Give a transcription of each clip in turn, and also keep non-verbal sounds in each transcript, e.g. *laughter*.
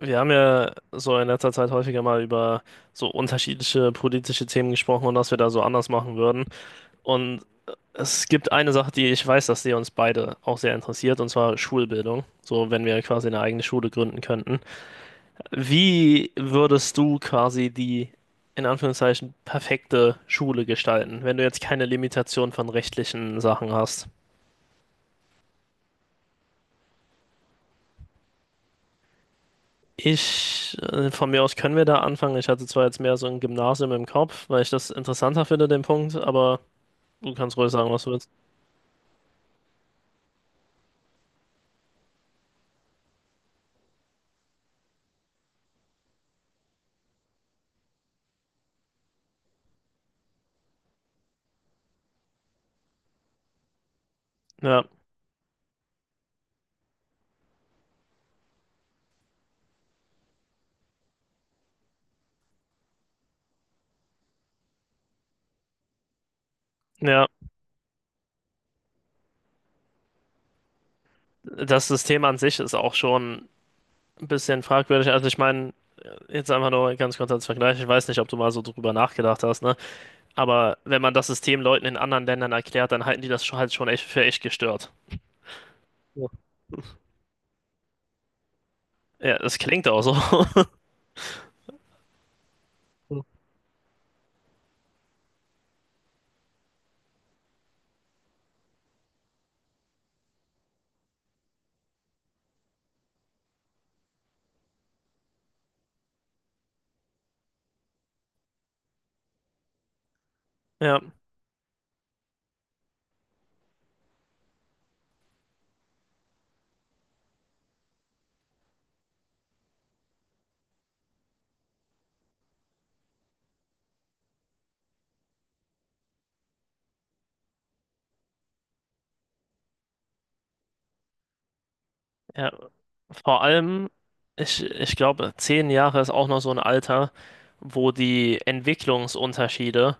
Wir haben ja so in letzter Zeit häufiger mal über so unterschiedliche politische Themen gesprochen und was wir da so anders machen würden. Und es gibt eine Sache, die ich weiß, dass die uns beide auch sehr interessiert, und zwar Schulbildung. So, wenn wir quasi eine eigene Schule gründen könnten. Wie würdest du quasi die, in Anführungszeichen, perfekte Schule gestalten, wenn du jetzt keine Limitation von rechtlichen Sachen hast? Von mir aus können wir da anfangen. Ich hatte zwar jetzt mehr so ein Gymnasium im Kopf, weil ich das interessanter finde, den Punkt, aber du kannst ruhig sagen, was du willst. Ja, ja. Das System an sich ist auch schon ein bisschen fragwürdig. Also ich meine, jetzt einfach nur ganz kurz als Vergleich. Ich weiß nicht, ob du mal so drüber nachgedacht hast, ne? Aber wenn man das System Leuten in anderen Ländern erklärt, dann halten die das halt schon echt für echt gestört. Ja, ja, das klingt auch so. *laughs* Ja. Ja, vor allem, ich glaube, 10 Jahre ist auch noch so ein Alter, wo die Entwicklungsunterschiede,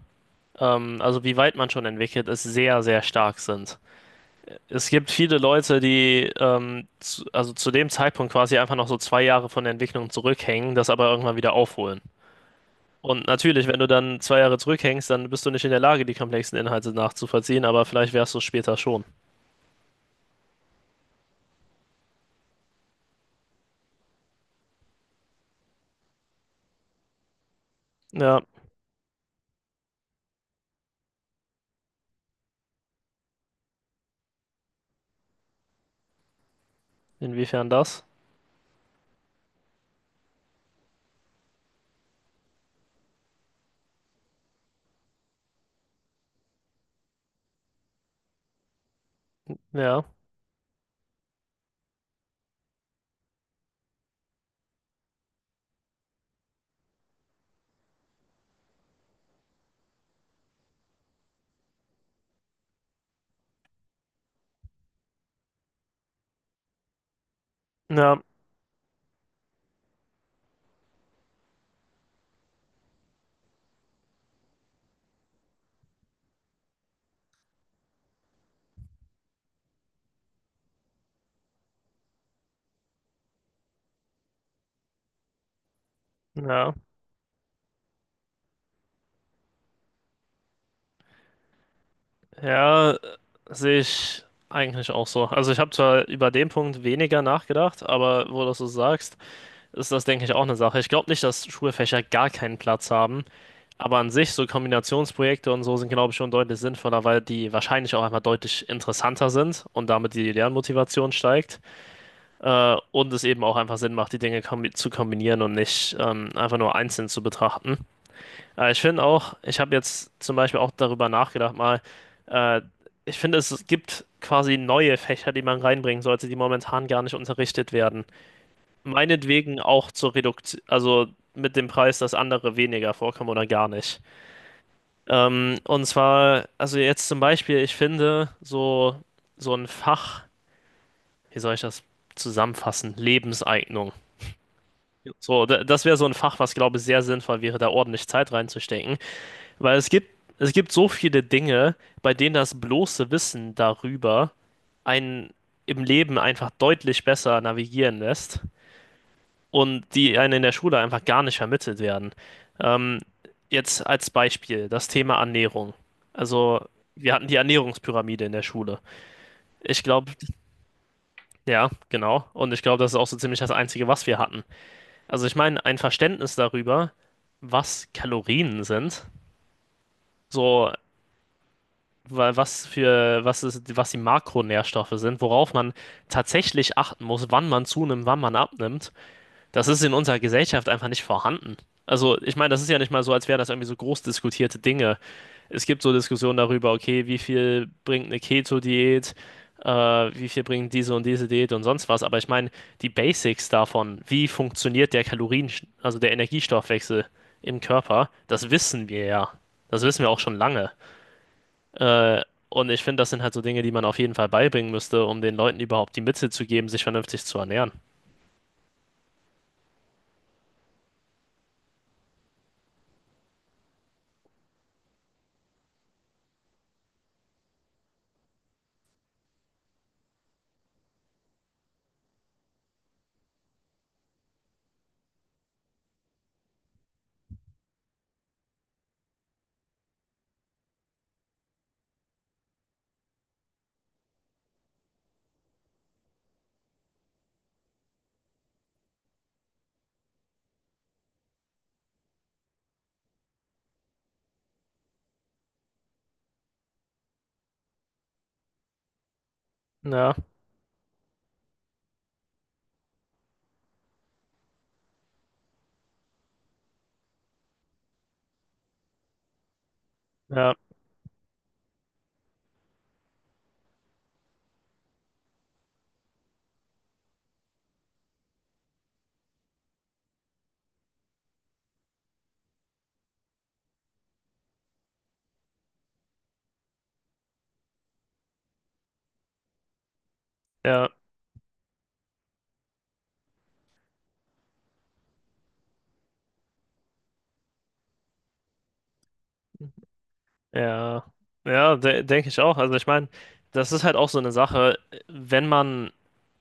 also wie weit man schon entwickelt ist, sehr, sehr stark sind. Es gibt viele Leute, die also zu dem Zeitpunkt quasi einfach noch so 2 Jahre von der Entwicklung zurückhängen, das aber irgendwann wieder aufholen. Und natürlich, wenn du dann 2 Jahre zurückhängst, dann bist du nicht in der Lage, die komplexen Inhalte nachzuvollziehen, aber vielleicht wärst du es später schon. Ja, inwiefern das? Ja, ja, ja. Ja, sehe ich eigentlich auch so. Also ich habe zwar über den Punkt weniger nachgedacht, aber wo du das so sagst, ist das, denke ich, auch eine Sache. Ich glaube nicht, dass Schulfächer gar keinen Platz haben, aber an sich so Kombinationsprojekte und so sind, glaube ich, schon deutlich sinnvoller, weil die wahrscheinlich auch einfach deutlich interessanter sind und damit die Lernmotivation steigt, und es eben auch einfach Sinn macht, die Dinge kombi zu kombinieren und nicht einfach nur einzeln zu betrachten. Aber ich finde auch, ich habe jetzt zum Beispiel auch darüber nachgedacht, äh, ich finde, es gibt quasi neue Fächer, die man reinbringen sollte, die momentan gar nicht unterrichtet werden. Meinetwegen auch zur Reduktion, also mit dem Preis, dass andere weniger vorkommen oder gar nicht. Und zwar, also jetzt zum Beispiel, ich finde, so, so ein Fach, wie soll ich das zusammenfassen? Lebenseignung. So, das wäre so ein Fach, was, glaube ich, sehr sinnvoll wäre, da ordentlich Zeit reinzustecken. Weil es gibt, Es gibt so viele Dinge, bei denen das bloße Wissen darüber einen im Leben einfach deutlich besser navigieren lässt und die einem in der Schule einfach gar nicht vermittelt werden. Ähm, Jetzt als Beispiel das Thema Ernährung. Also wir hatten die Ernährungspyramide in der Schule. Ich glaube, ja, genau. Und ich glaube, das ist auch so ziemlich das Einzige, was wir hatten. Also ich meine, ein Verständnis darüber, was Kalorien sind. So, wa- was für, was ist, was die Makronährstoffe sind, worauf man tatsächlich achten muss, wann man zunimmt, wann man abnimmt, das ist in unserer Gesellschaft einfach nicht vorhanden. Also, ich meine, das ist ja nicht mal so, als wären das irgendwie so groß diskutierte Dinge. Es gibt so Diskussionen darüber, okay, wie viel bringt eine Keto-Diät, wie viel bringt diese und diese Diät und sonst was, aber ich meine, die Basics davon, wie funktioniert der Kalorien, also der Energiestoffwechsel im Körper, das wissen wir ja. Das wissen wir auch schon lange. Äh, und ich finde, das sind halt so Dinge, die man auf jeden Fall beibringen müsste, um den Leuten überhaupt die Mittel zu geben, sich vernünftig zu ernähren. Ja, ja, ja, ja. Ja, de denke ich auch. Also ich meine, das ist halt auch so eine Sache, wenn man,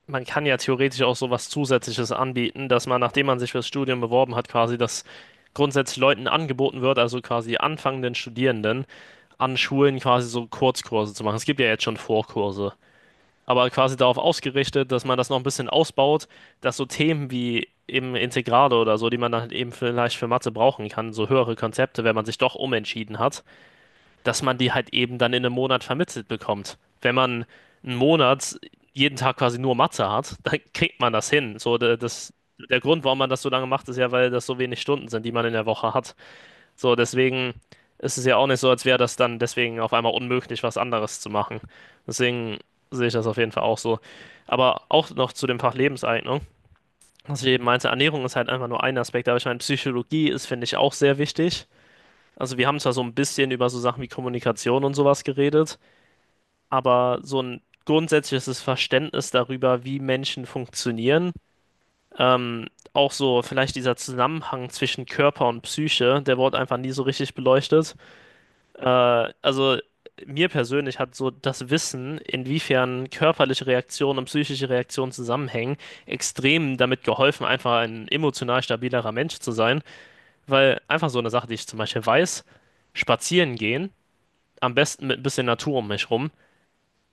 man kann ja theoretisch auch so was Zusätzliches anbieten, dass man, nachdem man sich fürs Studium beworben hat, quasi das grundsätzlich Leuten angeboten wird, also quasi anfangenden Studierenden an Schulen quasi so Kurzkurse zu machen. Es gibt ja jetzt schon Vorkurse, aber quasi darauf ausgerichtet, dass man das noch ein bisschen ausbaut, dass so Themen wie eben Integrale oder so, die man dann eben vielleicht für Mathe brauchen kann, so höhere Konzepte, wenn man sich doch umentschieden hat, dass man die halt eben dann in einem Monat vermittelt bekommt. Wenn man einen Monat jeden Tag quasi nur Mathe hat, *laughs* dann kriegt man das hin. So, das, der Grund, warum man das so lange macht, ist ja, weil das so wenig Stunden sind, die man in der Woche hat. So, deswegen ist es ja auch nicht so, als wäre das dann deswegen auf einmal unmöglich, was anderes zu machen. Deswegen sehe ich das auf jeden Fall auch so. Aber auch noch zu dem Fach Lebenseignung, was ich eben meinte, Ernährung ist halt einfach nur ein Aspekt, aber ich meine, Psychologie ist, finde ich, auch sehr wichtig. Also wir haben zwar so ein bisschen über so Sachen wie Kommunikation und sowas geredet, aber so ein grundsätzliches Verständnis darüber, wie Menschen funktionieren, ähm, auch so vielleicht dieser Zusammenhang zwischen Körper und Psyche, der wurde einfach nie so richtig beleuchtet. Äh, also Mir persönlich hat so das Wissen, inwiefern körperliche Reaktionen und psychische Reaktionen zusammenhängen, extrem damit geholfen, einfach ein emotional stabilerer Mensch zu sein. Weil einfach so eine Sache, die ich zum Beispiel weiß, spazieren gehen, am besten mit ein bisschen Natur um mich rum,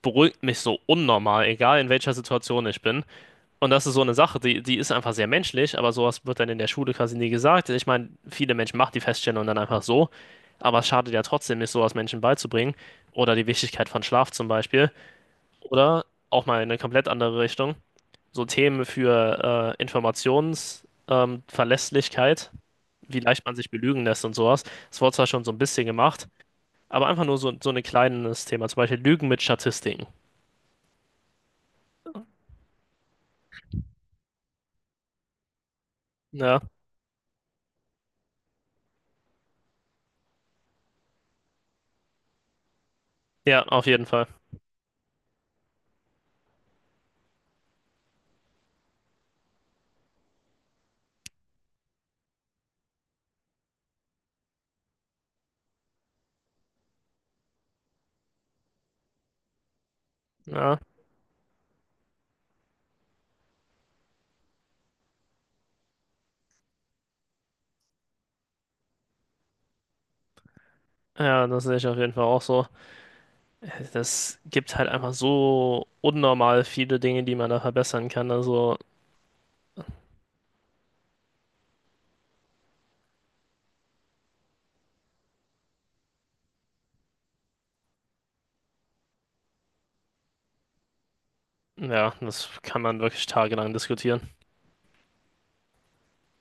beruhigt mich so unnormal, egal in welcher Situation ich bin. Und das ist so eine Sache, die ist einfach sehr menschlich, aber sowas wird dann in der Schule quasi nie gesagt. Ich meine, viele Menschen machen die Feststellung dann einfach so, aber es schadet ja trotzdem nicht, sowas Menschen beizubringen. Oder die Wichtigkeit von Schlaf zum Beispiel. Oder auch mal in eine komplett andere Richtung. So Themen für Informationsverlässlichkeit, wie leicht man sich belügen lässt und sowas. Das wurde zwar schon so ein bisschen gemacht, aber einfach nur so, so ein kleines Thema. Zum Beispiel Lügen mit Statistiken. Ja, ja, auf jeden Fall. Ja, ja, das sehe ich auf jeden Fall auch so. Das gibt halt einfach so unnormal viele Dinge, die man da verbessern kann. Also, ja, das kann man wirklich tagelang diskutieren.